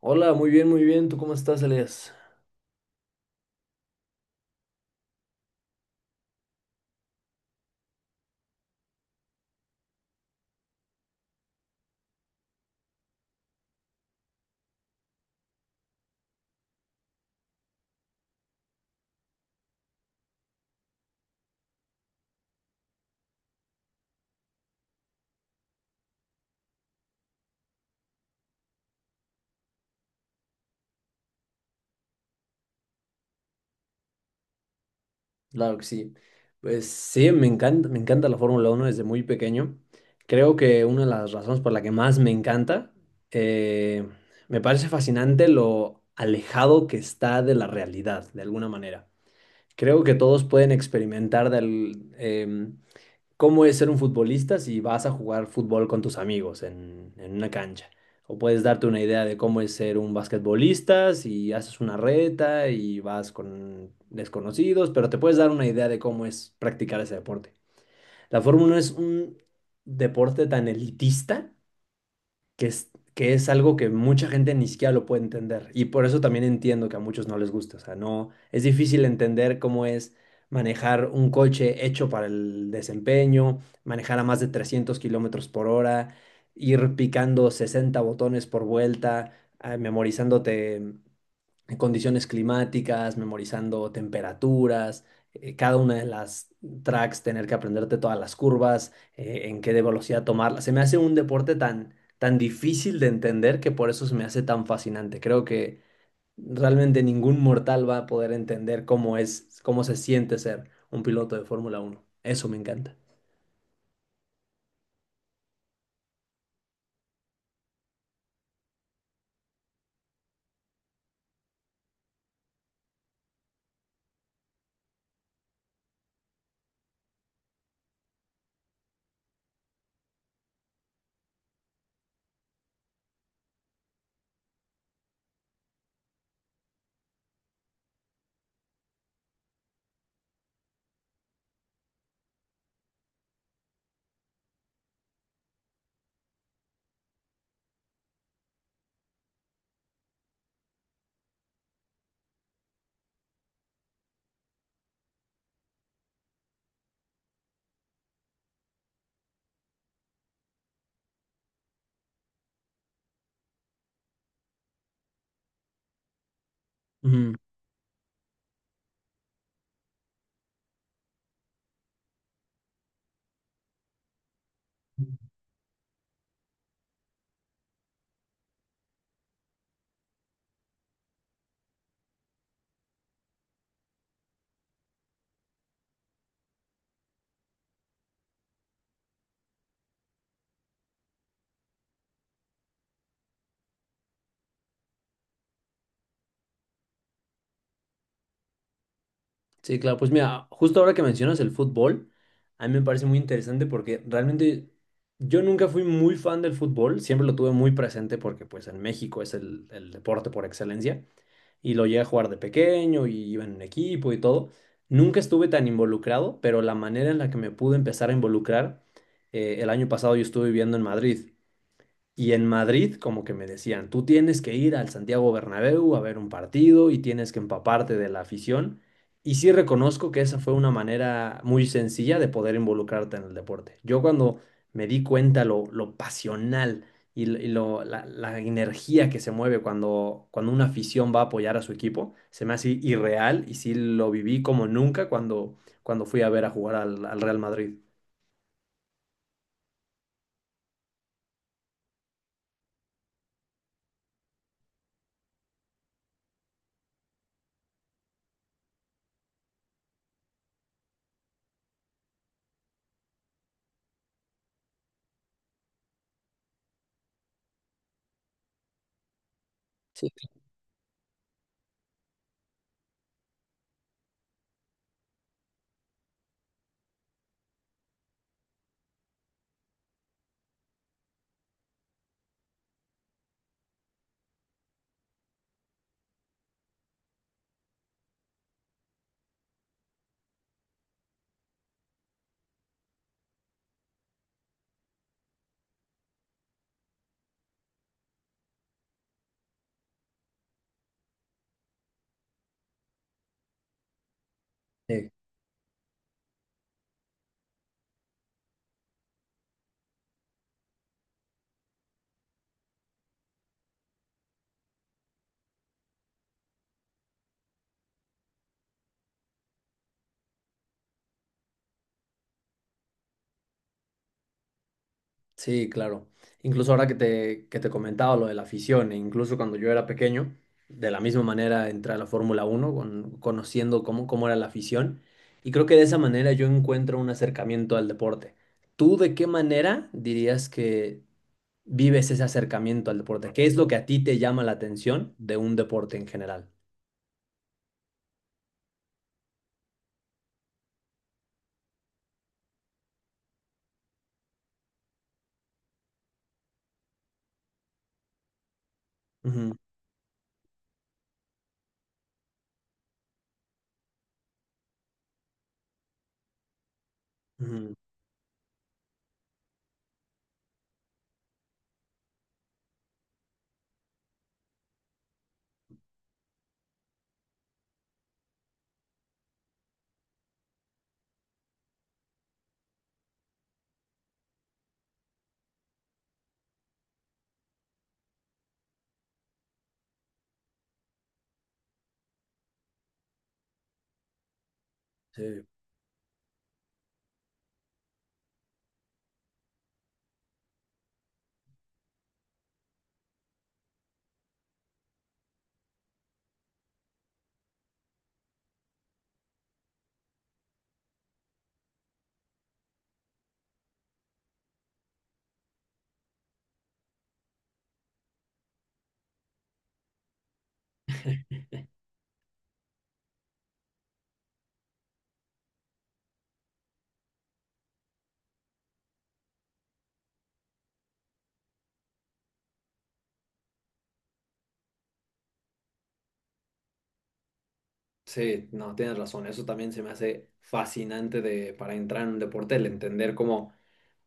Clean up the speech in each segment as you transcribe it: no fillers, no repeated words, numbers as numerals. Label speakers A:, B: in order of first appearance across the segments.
A: Hola, muy bien, muy bien. ¿Tú cómo estás, Elias? Claro que sí. Pues sí, me encanta la Fórmula uno desde muy pequeño. Creo que una de las razones por la que más me encanta, eh, me parece fascinante lo alejado que está de la realidad, de alguna manera. Creo que todos pueden experimentar del, cómo es ser un futbolista si vas a jugar fútbol con tus amigos en una cancha. O puedes darte una idea de cómo es ser un basquetbolista si haces una reta y vas con desconocidos, pero te puedes dar una idea de cómo es practicar ese deporte. La Fórmula 1 es un deporte tan elitista que es algo que mucha gente ni siquiera lo puede entender. Y por eso también entiendo que a muchos no les gusta. O sea, no, es difícil entender cómo es manejar un coche hecho para el desempeño, manejar a más de 300 kilómetros por hora, ir picando 60 botones por vuelta, memorizándote en condiciones climáticas, memorizando temperaturas, cada una de las tracks, tener que aprenderte todas las curvas, en qué de velocidad tomarlas. Se me hace un deporte tan difícil de entender que por eso se me hace tan fascinante. Creo que realmente ningún mortal va a poder entender cómo es, cómo se siente ser un piloto de Fórmula uno. Eso me encanta. Ujú. Sí, claro, pues mira, justo ahora que mencionas el fútbol, a mí me parece muy interesante porque realmente yo nunca fui muy fan del fútbol, siempre lo tuve muy presente porque pues en México es el deporte por excelencia y lo llegué a jugar de pequeño y iba en un equipo y todo. Nunca estuve tan involucrado, pero la manera en la que me pude empezar a involucrar, el año pasado yo estuve viviendo en Madrid. Y en Madrid, como que me decían, tú tienes que ir al Santiago Bernabéu a ver un partido y tienes que empaparte de la afición. Y sí reconozco que esa fue una manera muy sencilla de poder involucrarte en el deporte. Yo cuando me di cuenta lo pasional y, y lo, la energía que se mueve cuando una afición va a apoyar a su equipo, se me hace irreal y sí lo viví como nunca cuando fui a ver a jugar al Real Madrid. Sí, sí, claro. Incluso ahora que te comentaba lo de la afición, e incluso cuando yo era pequeño, de la misma manera entré a la Fórmula Uno conociendo cómo, cómo era la afición, y creo que de esa manera yo encuentro un acercamiento al deporte. ¿Tú de qué manera dirías que vives ese acercamiento al deporte? ¿Qué es lo que a ti te llama la atención de un deporte en general? Ujú, ujú, sí. Sí, no, tienes razón. Eso también se me hace fascinante de, para entrar en un deporte, el entender cómo...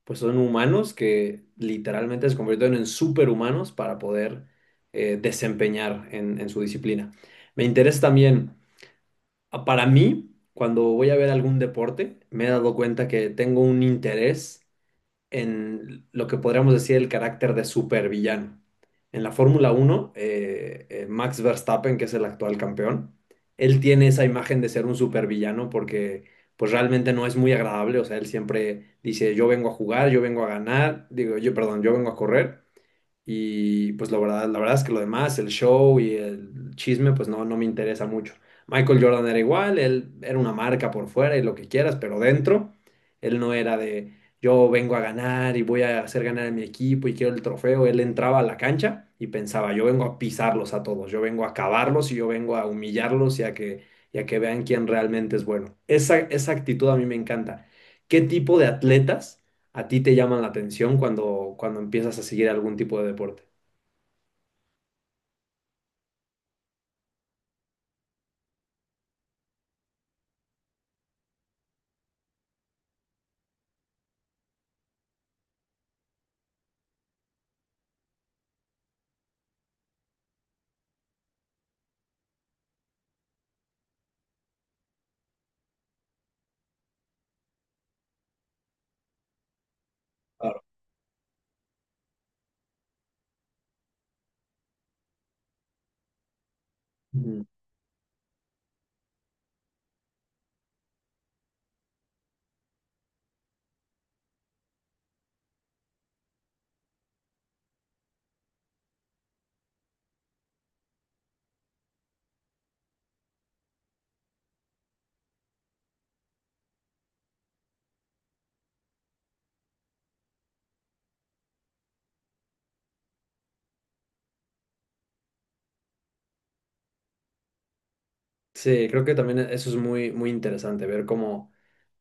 A: pues son humanos que literalmente se convirtieron en superhumanos para poder desempeñar en su disciplina. Me interesa también, para mí, cuando voy a ver algún deporte, me he dado cuenta que tengo un interés en lo que podríamos decir el carácter de supervillano. En la Fórmula uno Max Verstappen, que es el actual campeón, él tiene esa imagen de ser un supervillano porque pues realmente no es muy agradable, o sea, él siempre dice, yo vengo a jugar, yo vengo a ganar, digo, yo, perdón, yo vengo a correr y pues la verdad es que lo demás, el show y el chisme, pues no, no me interesa mucho. Michael Jordan era igual, él era una marca por fuera y lo que quieras, pero dentro, él no era de yo vengo a ganar y voy a hacer ganar a mi equipo y quiero el trofeo. Él entraba a la cancha y pensaba, yo vengo a pisarlos a todos, yo vengo a acabarlos y yo vengo a humillarlos y a que vean quién realmente es bueno. Esa actitud a mí me encanta. ¿Qué tipo de atletas? ¿A ti te llaman la atención cuando empiezas a seguir algún tipo de deporte? Claro. Ujú. Sí, creo que también eso es muy interesante, ver cómo...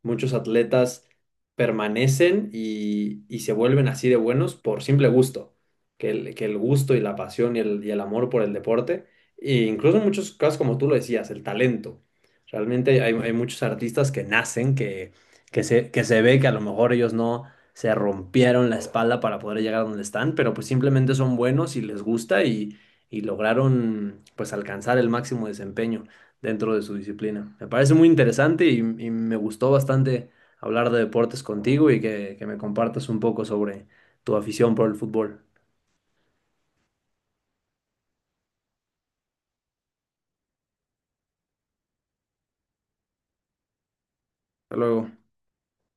A: Muchos atletas permanecen y se vuelven así de buenos por simple gusto, que el gusto y la pasión y el amor por el deporte, e incluso en muchos casos, como tú lo decías, el talento. Realmente hay muchos artistas que nacen, que se ve que a lo mejor ellos no se rompieron la espalda para poder llegar a donde están, pero pues simplemente son buenos y les gusta y lograron pues alcanzar el máximo desempeño dentro de su disciplina. Me parece muy interesante y me gustó bastante hablar de deportes contigo y que me compartas un poco sobre tu afición por el fútbol. Hasta luego.